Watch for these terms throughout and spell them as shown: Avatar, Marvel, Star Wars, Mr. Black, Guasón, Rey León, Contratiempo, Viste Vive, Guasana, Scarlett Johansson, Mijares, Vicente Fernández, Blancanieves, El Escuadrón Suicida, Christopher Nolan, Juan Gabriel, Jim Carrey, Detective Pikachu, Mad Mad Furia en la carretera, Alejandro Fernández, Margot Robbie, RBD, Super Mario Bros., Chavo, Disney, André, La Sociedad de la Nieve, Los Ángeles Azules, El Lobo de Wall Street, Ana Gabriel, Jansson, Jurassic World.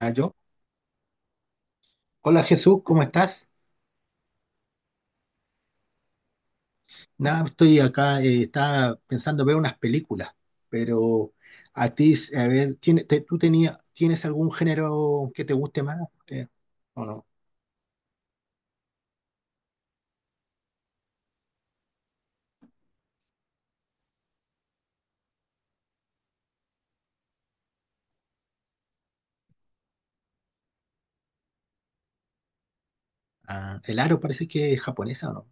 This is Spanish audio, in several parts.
Yo. Hola Jesús, ¿cómo estás? Nada, estoy acá, estaba pensando ver unas películas, pero a ti, a ver, ¿tú tienes algún género que te guste más? Eh, ¿O no? Ah, el aro parece que es japonesa, ¿o no?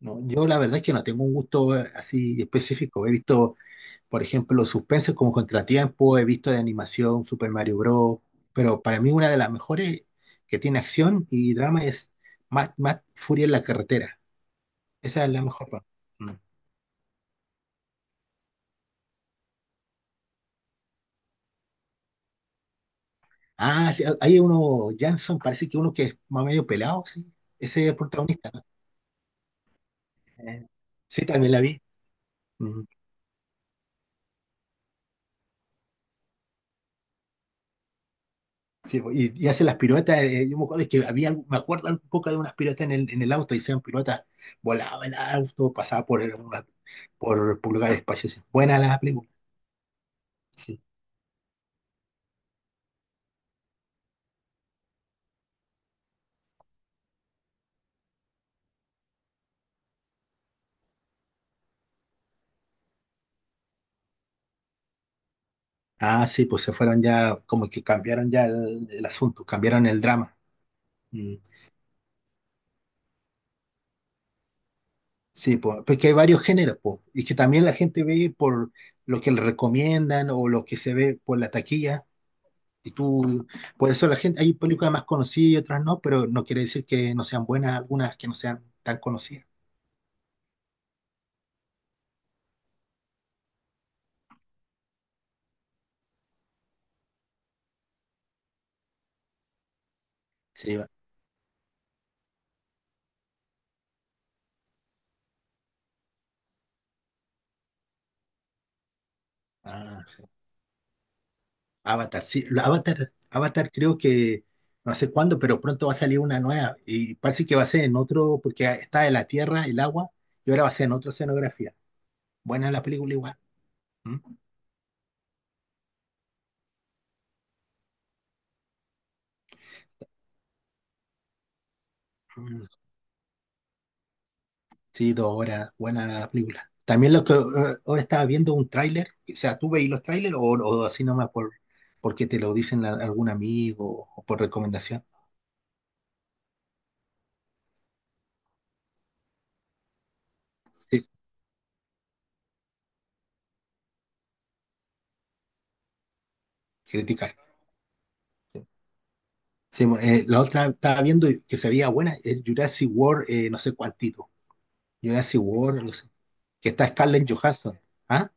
No, yo la verdad es que no tengo un gusto así específico. He visto, por ejemplo, suspensos como Contratiempo, he visto de animación Super Mario Bros., pero para mí una de las mejores que tiene acción y drama es Mad Furia en la carretera. Esa es la mejor parte. Mm. Ah, sí, hay uno, Jansson, parece que uno que es más medio pelado, sí. Ese es el protagonista, ¿no? Eh, sí, también la vi. Mm. Sí, po, y hace las piruetas. Yo me acuerdo que me acuerdo un poco de unas piruetas en en el auto, hicieron piruetas, volaba el auto, pasaba por, el- una- por lugares espaciosos. Buena la película. Sí. Ah, sí, pues se fueron ya, como que cambiaron ya el asunto, cambiaron el drama. Mm. Sí, po, porque hay varios géneros, po, y que también la gente ve por lo que le recomiendan o lo que se ve por la taquilla. Y tú, por eso la gente, hay películas más conocidas y otras no, pero no quiere decir que no sean buenas algunas que no sean tan conocidas. Sí, va- ah, Avatar, sí, Avatar creo que no sé cuándo, pero pronto va a salir una nueva y parece que va a ser en otro, porque está en la tierra, el agua, y ahora va a ser en otra escenografía. Buena la película igual. ¿Mm? Sí, dos horas, buena la película. También lo que ahora estaba viendo un tráiler, o sea, ¿tú veis los tráilers o así nomás por porque te lo algún amigo o por recomendación? Sí, criticar. Sí. Sí, la otra estaba viendo que se veía buena, es Jurassic World, no sé cuántito. Jurassic World, no sé, que está Scarlett Johansson. ¿Ah?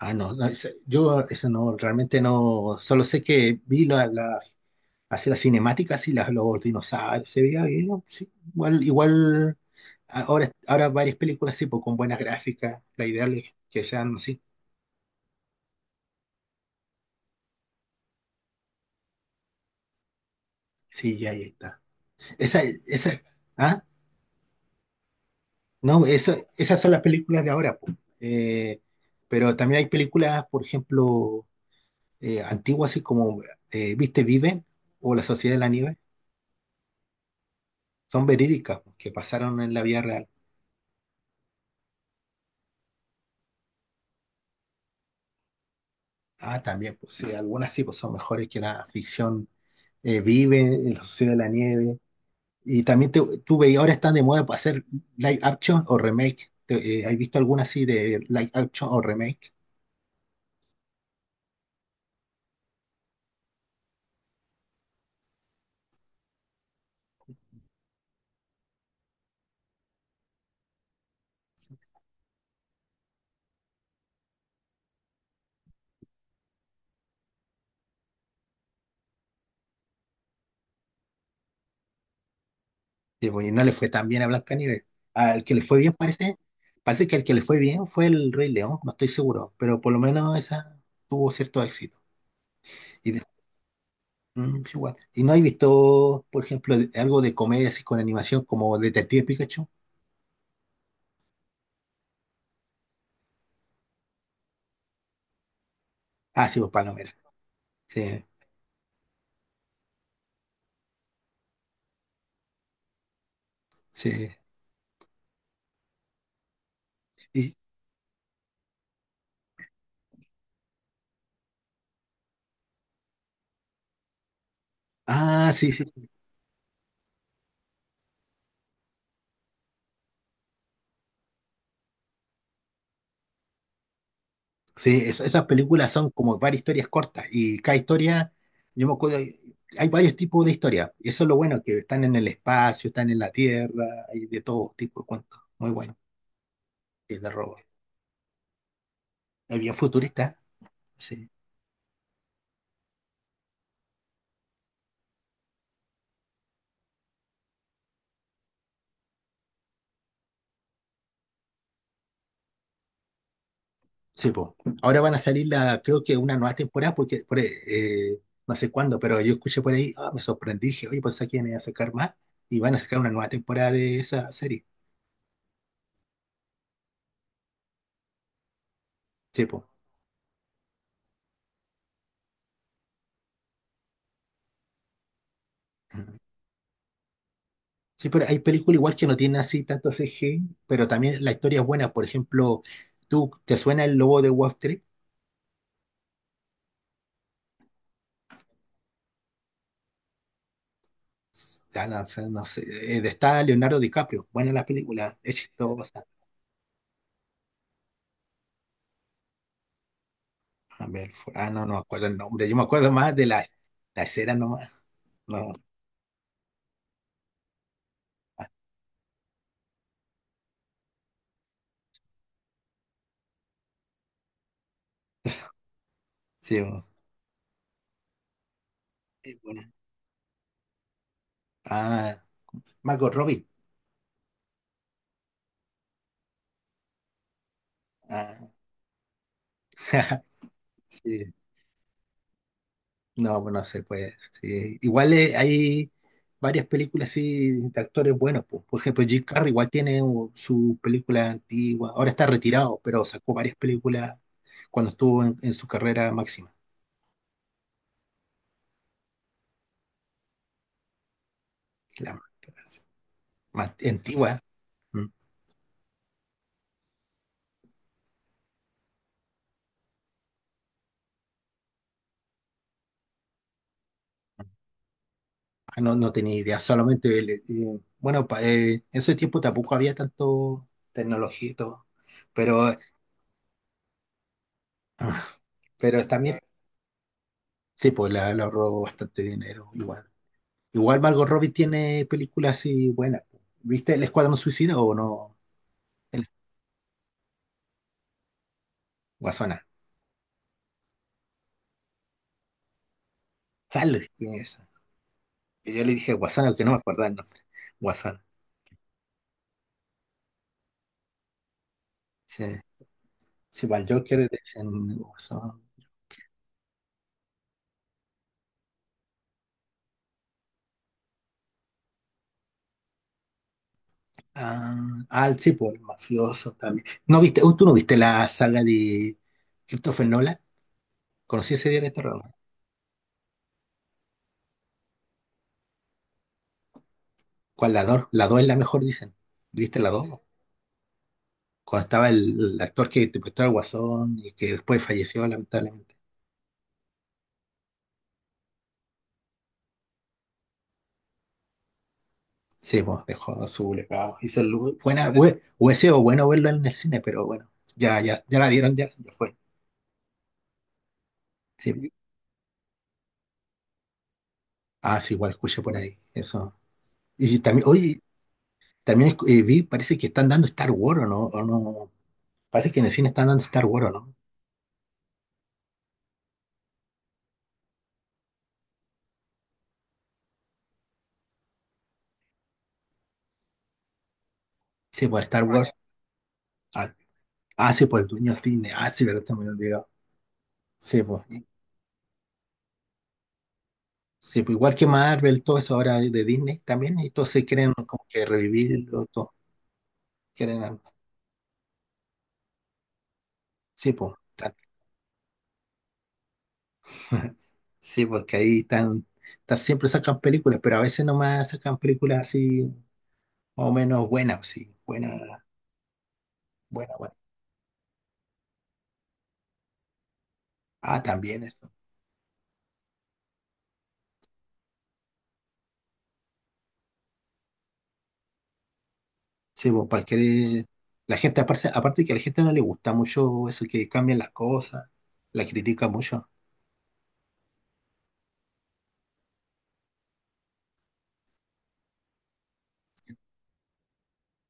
Ah, no, no, yo eso no, realmente no, solo sé que vi la, así las cinemáticas y los dinosaurios, se veía bien, ¿no? Sí, igual, igual. Ahora varias películas sí, pues con buenas gráficas, la ideal es que sean así. Sí, ya ahí está. Esa, esa, ah, no, esas son las películas de ahora, pues. Eh, pero también hay películas, por ejemplo, antiguas, así como Viste Vive o La Sociedad de la Nieve, son verídicas, pues, que pasaron en la vida real. Ah, también, pues sí, algunas sí, pues son mejores que la ficción. Vive, La Sociedad de la Nieve, y también te- tú y ahora están de moda para hacer live action o remake. ¿Has visto alguna así de live action o remake? Que, bueno, no le fue tan bien a Blancanieves. Al que le fue bien parece, parece que al que le fue bien fue el Rey León, no estoy seguro, pero por lo menos esa tuvo cierto éxito. Y de- sí, igual. ¿Y no has visto, por ejemplo, algo de comedia así con animación como Detective Pikachu? Ah, sí, pues palomera. Sí, sí. Y, ah, sí, sí. Sí, esas películas son como varias historias cortas y cada historia, yo me acuerdo, hay varios tipos de historias. Y eso es lo bueno, que están en el espacio, están en la tierra, hay de todo tipo de cuentos. Muy bueno, y de robo. Es bien futurista, sí. Sí, po. Ahora van a salir la, creo que una nueva temporada, porque por, no sé cuándo, pero yo escuché por ahí, ah, me sorprendí, dije, oye, pues aquí van a sacar más y van a sacar una nueva temporada de esa serie. Sí, po. Sí, pero hay películas igual que no tienen así tanto CG, pero también la historia es buena. Por ejemplo, ¿tú te suena El Lobo de Wall Street? Ah, no, Fran, no sé, está Leonardo DiCaprio. Buena la película, es chistosa. A ver, fu- ah, no, no me acuerdo el nombre. Yo me acuerdo más de la escena nomás. No, sí, es ah, Margot Robbie. Ah, No, pues no se puede, sí. Igual hay varias películas así de actores buenos, pues. Por ejemplo, Jim Carrey igual tiene su película antigua. Ahora está retirado, pero sacó varias películas cuando estuvo en su carrera máxima. La más antigua. Mm. Ah, no, no tenía idea. Solamente, el, en ese tiempo tampoco había tanto tecnología y todo. Pero, ah, pero también, sí, pues le ahorró bastante dinero igual. Igual Margot Robbie tiene películas así buenas. ¿Viste El Escuadrón Suicida o no? El- Guasana. Dale, ¿quién es esa? Y yo le dije Guasana, que no me acordaba el nombre. Guasana. Sí. Sí, para el Joker le dicen Guasón. Ah, sí, por el mafioso también. ¿No viste? ¿Tú no viste la saga de Christopher Nolan? ¿Conocí ese director, o no? ¿Cuál, la dos? La dos es la mejor, dicen. ¿Viste la dos? Cuando estaba el actor que interpretó al Guasón y que después falleció, lamentablemente. Sí, pues dejó su legado. Buena, hubiese sido bueno verlo en el cine, pero bueno, ya la dieron, ya fue. Sí. Ah, sí, igual escuché por ahí. Eso. Y también, oye, también vi, parece que están dando Star Wars, ¿o no? ¿O no? Parece que en el cine están dando Star Wars, ¿o no? Sí, pues Star Wars. Ah, sí, pues el dueño de Disney. Ah, sí, verdad, también olvidado. Sí, pues. Sí, pues igual que Marvel, todo eso ahora de Disney también, y todos se quieren como que revivirlo, todo. Quieren, sí, pues, tal. Sí, porque ahí están, siempre sacan películas, pero a veces nomás sacan películas así, más o menos buenas, pues sí, buena. Ah, también eso. Sí, pues para que la gente, aparte que a la gente no le gusta mucho eso, que cambian las cosas, la critica mucho.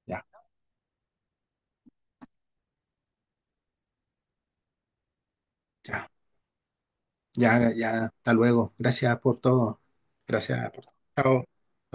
Ya, ya, ya, hasta luego. Gracias por todo. Gracias por todo. Chao.